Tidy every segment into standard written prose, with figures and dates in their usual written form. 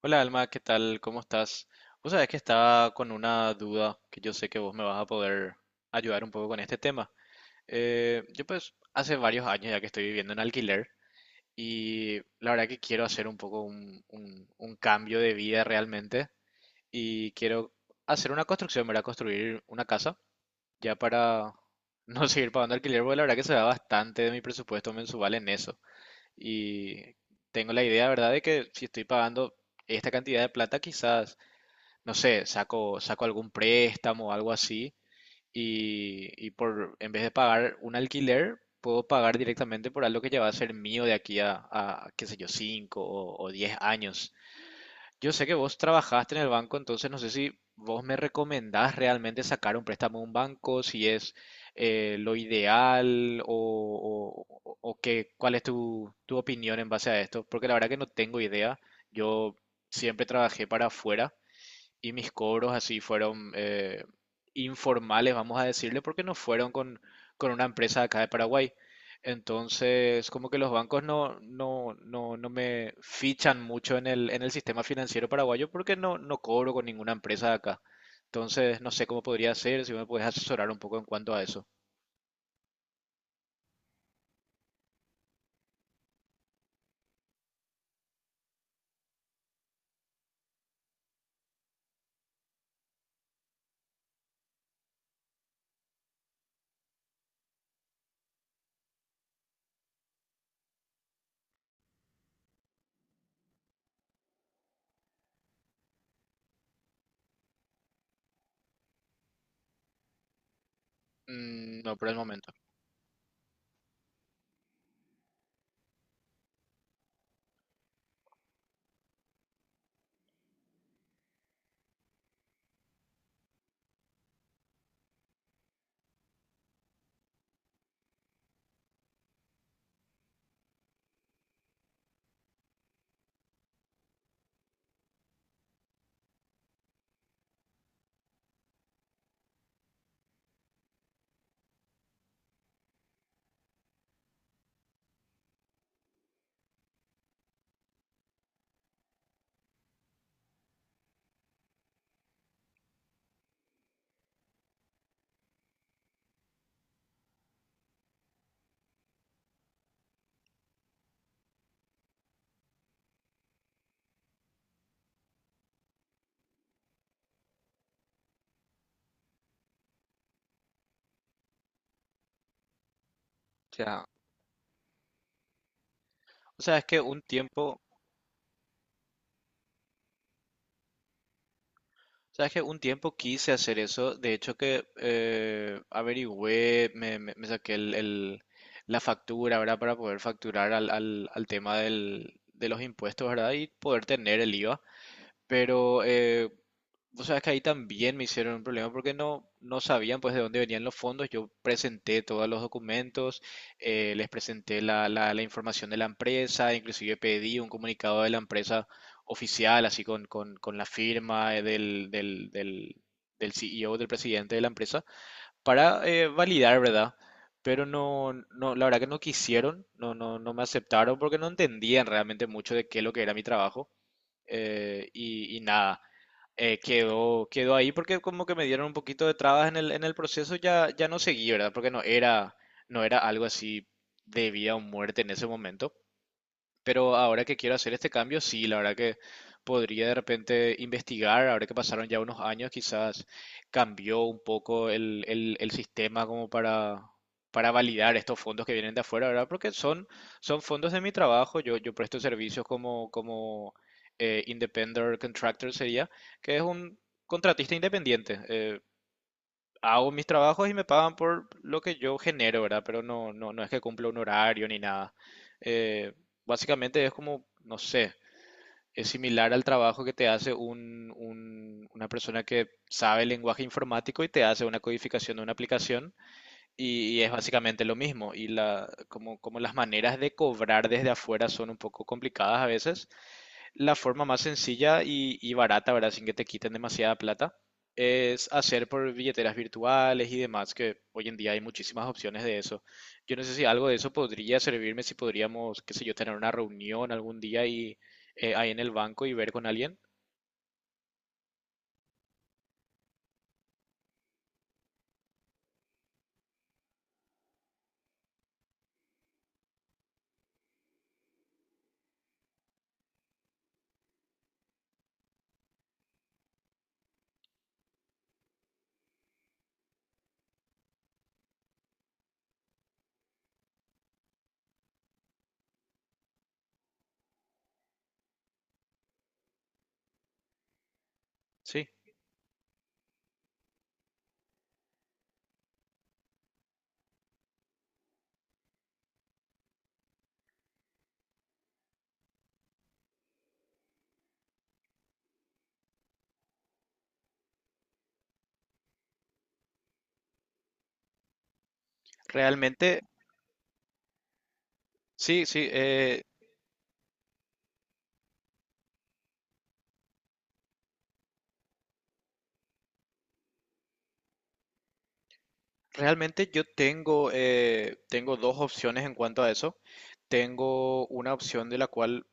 Hola Alma, ¿qué tal? ¿Cómo estás? Vos sabés que estaba con una duda que yo sé que vos me vas a poder ayudar un poco con este tema. Yo pues hace varios años ya que estoy viviendo en alquiler y la verdad que quiero hacer un poco un cambio de vida realmente y quiero hacer una construcción, ¿verdad? Construir una casa ya para no seguir pagando alquiler, porque la verdad que se va bastante de mi presupuesto mensual en eso. Y tengo la idea, ¿verdad? De que si estoy pagando esta cantidad de plata, quizás no sé, saco algún préstamo o algo así y, en vez de pagar un alquiler, puedo pagar directamente por algo que ya va a ser mío de aquí a qué sé yo, 5 o 10 años. Yo sé que vos trabajaste en el banco, entonces no sé si vos me recomendás realmente sacar un préstamo a un banco, si es lo ideal o qué, cuál es tu, tu opinión en base a esto, porque la verdad que no tengo idea. Yo siempre trabajé para afuera y mis cobros así fueron informales, vamos a decirle, porque no fueron con una empresa de acá de Paraguay. Entonces, como que los bancos no me fichan mucho en en el sistema financiero paraguayo porque no, no cobro con ninguna empresa de acá. Entonces, no sé cómo podría ser, si me puedes asesorar un poco en cuanto a eso. Mm, no, por el momento. Ya. O sea, es que un tiempo. Sabes que un tiempo quise hacer eso, de hecho que averigüé, me saqué la factura, ¿verdad? Para poder facturar al tema de los impuestos, ¿verdad? Y poder tener el IVA. Pero o sea, es que ahí también me hicieron un problema porque no, no sabían pues de dónde venían los fondos. Yo presenté todos los documentos, les presenté la información de la empresa, inclusive pedí un comunicado de la empresa oficial, así con la firma del CEO, del presidente de la empresa, para validar, ¿verdad? Pero no, no, la verdad que no quisieron, no me aceptaron porque no entendían realmente mucho de qué es lo que era mi trabajo y nada, quedó ahí porque como que me dieron un poquito de trabas en en el proceso, ya no seguí, ¿verdad? Porque no era, no era algo así de vida o muerte en ese momento. Pero ahora que quiero hacer este cambio, sí, la verdad que podría de repente investigar, ahora que pasaron ya unos años, quizás cambió un poco el sistema como para validar estos fondos que vienen de afuera, ¿verdad? Porque son, son fondos de mi trabajo, yo presto servicios como independent contractor sería, que es un contratista independiente. Hago mis trabajos y me pagan por lo que yo genero, ¿verdad? Pero no es que cumpla un horario ni nada. Eh, Básicamente es como, no sé, es similar al trabajo que te hace una persona que sabe el lenguaje informático y te hace una codificación de una aplicación y es básicamente lo mismo. Y la, como, como las maneras de cobrar desde afuera son un poco complicadas a veces la forma más sencilla y barata, ¿verdad? Sin que te quiten demasiada plata, es hacer por billeteras virtuales y demás, que hoy en día hay muchísimas opciones de eso. Yo no sé si algo de eso podría servirme, si podríamos, qué sé yo, tener una reunión algún día y ahí en el banco y ver con alguien. Sí, realmente, sí, sí, realmente yo tengo, tengo dos opciones en cuanto a eso. Tengo una opción de la cual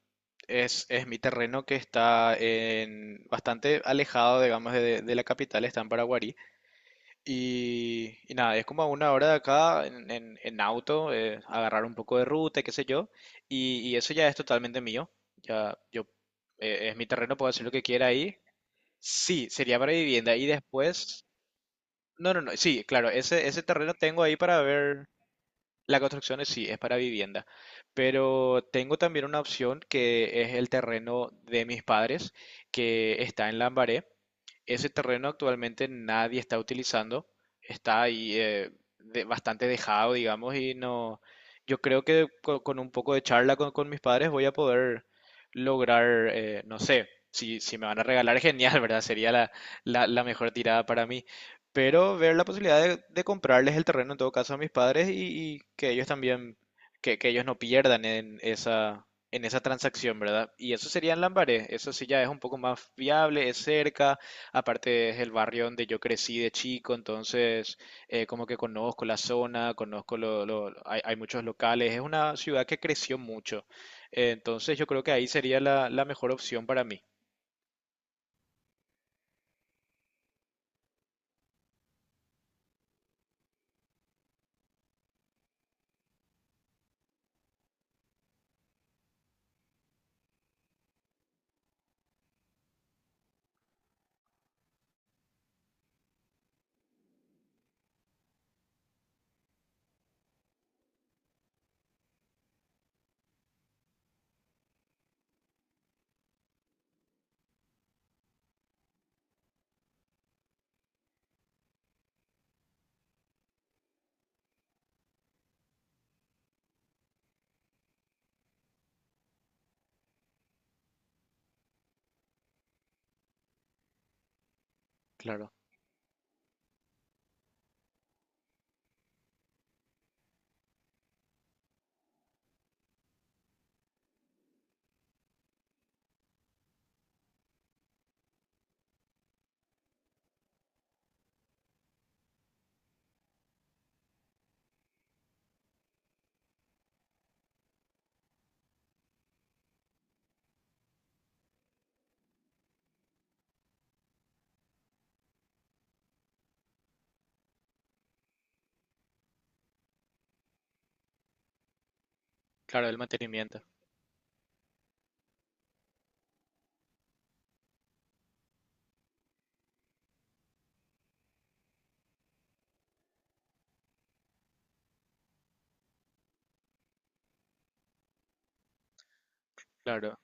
Es mi terreno que está en, bastante alejado, digamos, de la capital, está en Paraguarí. Y nada, es como a una hora de acá en, en auto, agarrar un poco de ruta, y qué sé yo. Y eso ya es totalmente mío. Ya yo, es mi terreno, puedo hacer lo que quiera ahí. Sí, sería para vivienda. Y después, no, no, no, sí, claro, ese terreno tengo ahí para ver, la construcción es- sí es para vivienda, pero tengo también una opción que es el terreno de mis padres que está en Lambaré. Ese terreno actualmente nadie está utilizando, está ahí de- bastante dejado, digamos, y no, yo creo que co- con, un poco de charla con mis padres voy a poder lograr, no sé, si, si me van a regalar, genial, ¿verdad? Sería la mejor tirada para mí, pero ver la posibilidad de comprarles el terreno en todo caso a mis padres y que ellos también, que ellos no pierdan en esa transacción, ¿verdad? Y eso sería en Lambaré, eso sí ya es un poco más viable, es cerca. Aparte es el barrio donde yo crecí de chico, entonces como que conozco la zona, conozco hay, hay muchos locales, es una ciudad que creció mucho. Entonces yo creo que ahí sería la mejor opción para mí. Claro, claro, el mantenimiento. Claro,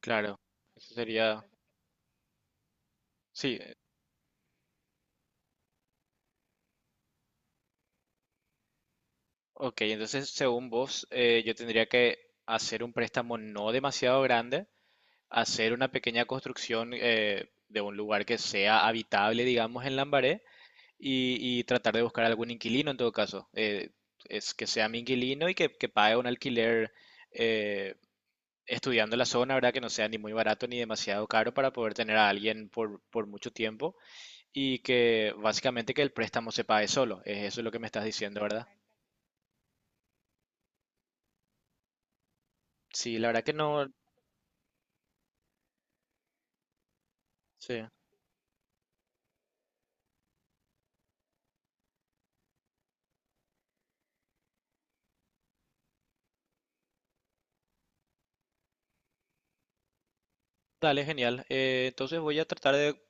claro, eso sería... Sí, ok, entonces según vos, yo tendría que hacer un préstamo no demasiado grande, hacer una pequeña construcción de un lugar que sea habitable, digamos, en Lambaré. Y tratar de buscar algún inquilino en todo caso. Es que sea mi inquilino y que pague un alquiler eh, estudiando la zona, ¿verdad? Que no sea ni muy barato ni demasiado caro para poder tener a alguien por mucho tiempo y que básicamente que el préstamo se pague solo. Es eso es lo que me estás diciendo, ¿verdad? Sí, la verdad que no. Sí. Dale, genial. Entonces voy a tratar de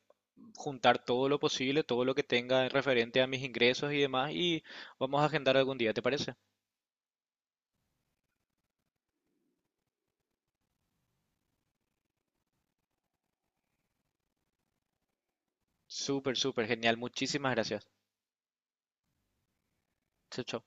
juntar todo lo posible, todo lo que tenga referente a mis ingresos y demás y vamos a agendar algún día, ¿te parece? Súper, súper genial. Muchísimas gracias. Chau, chau.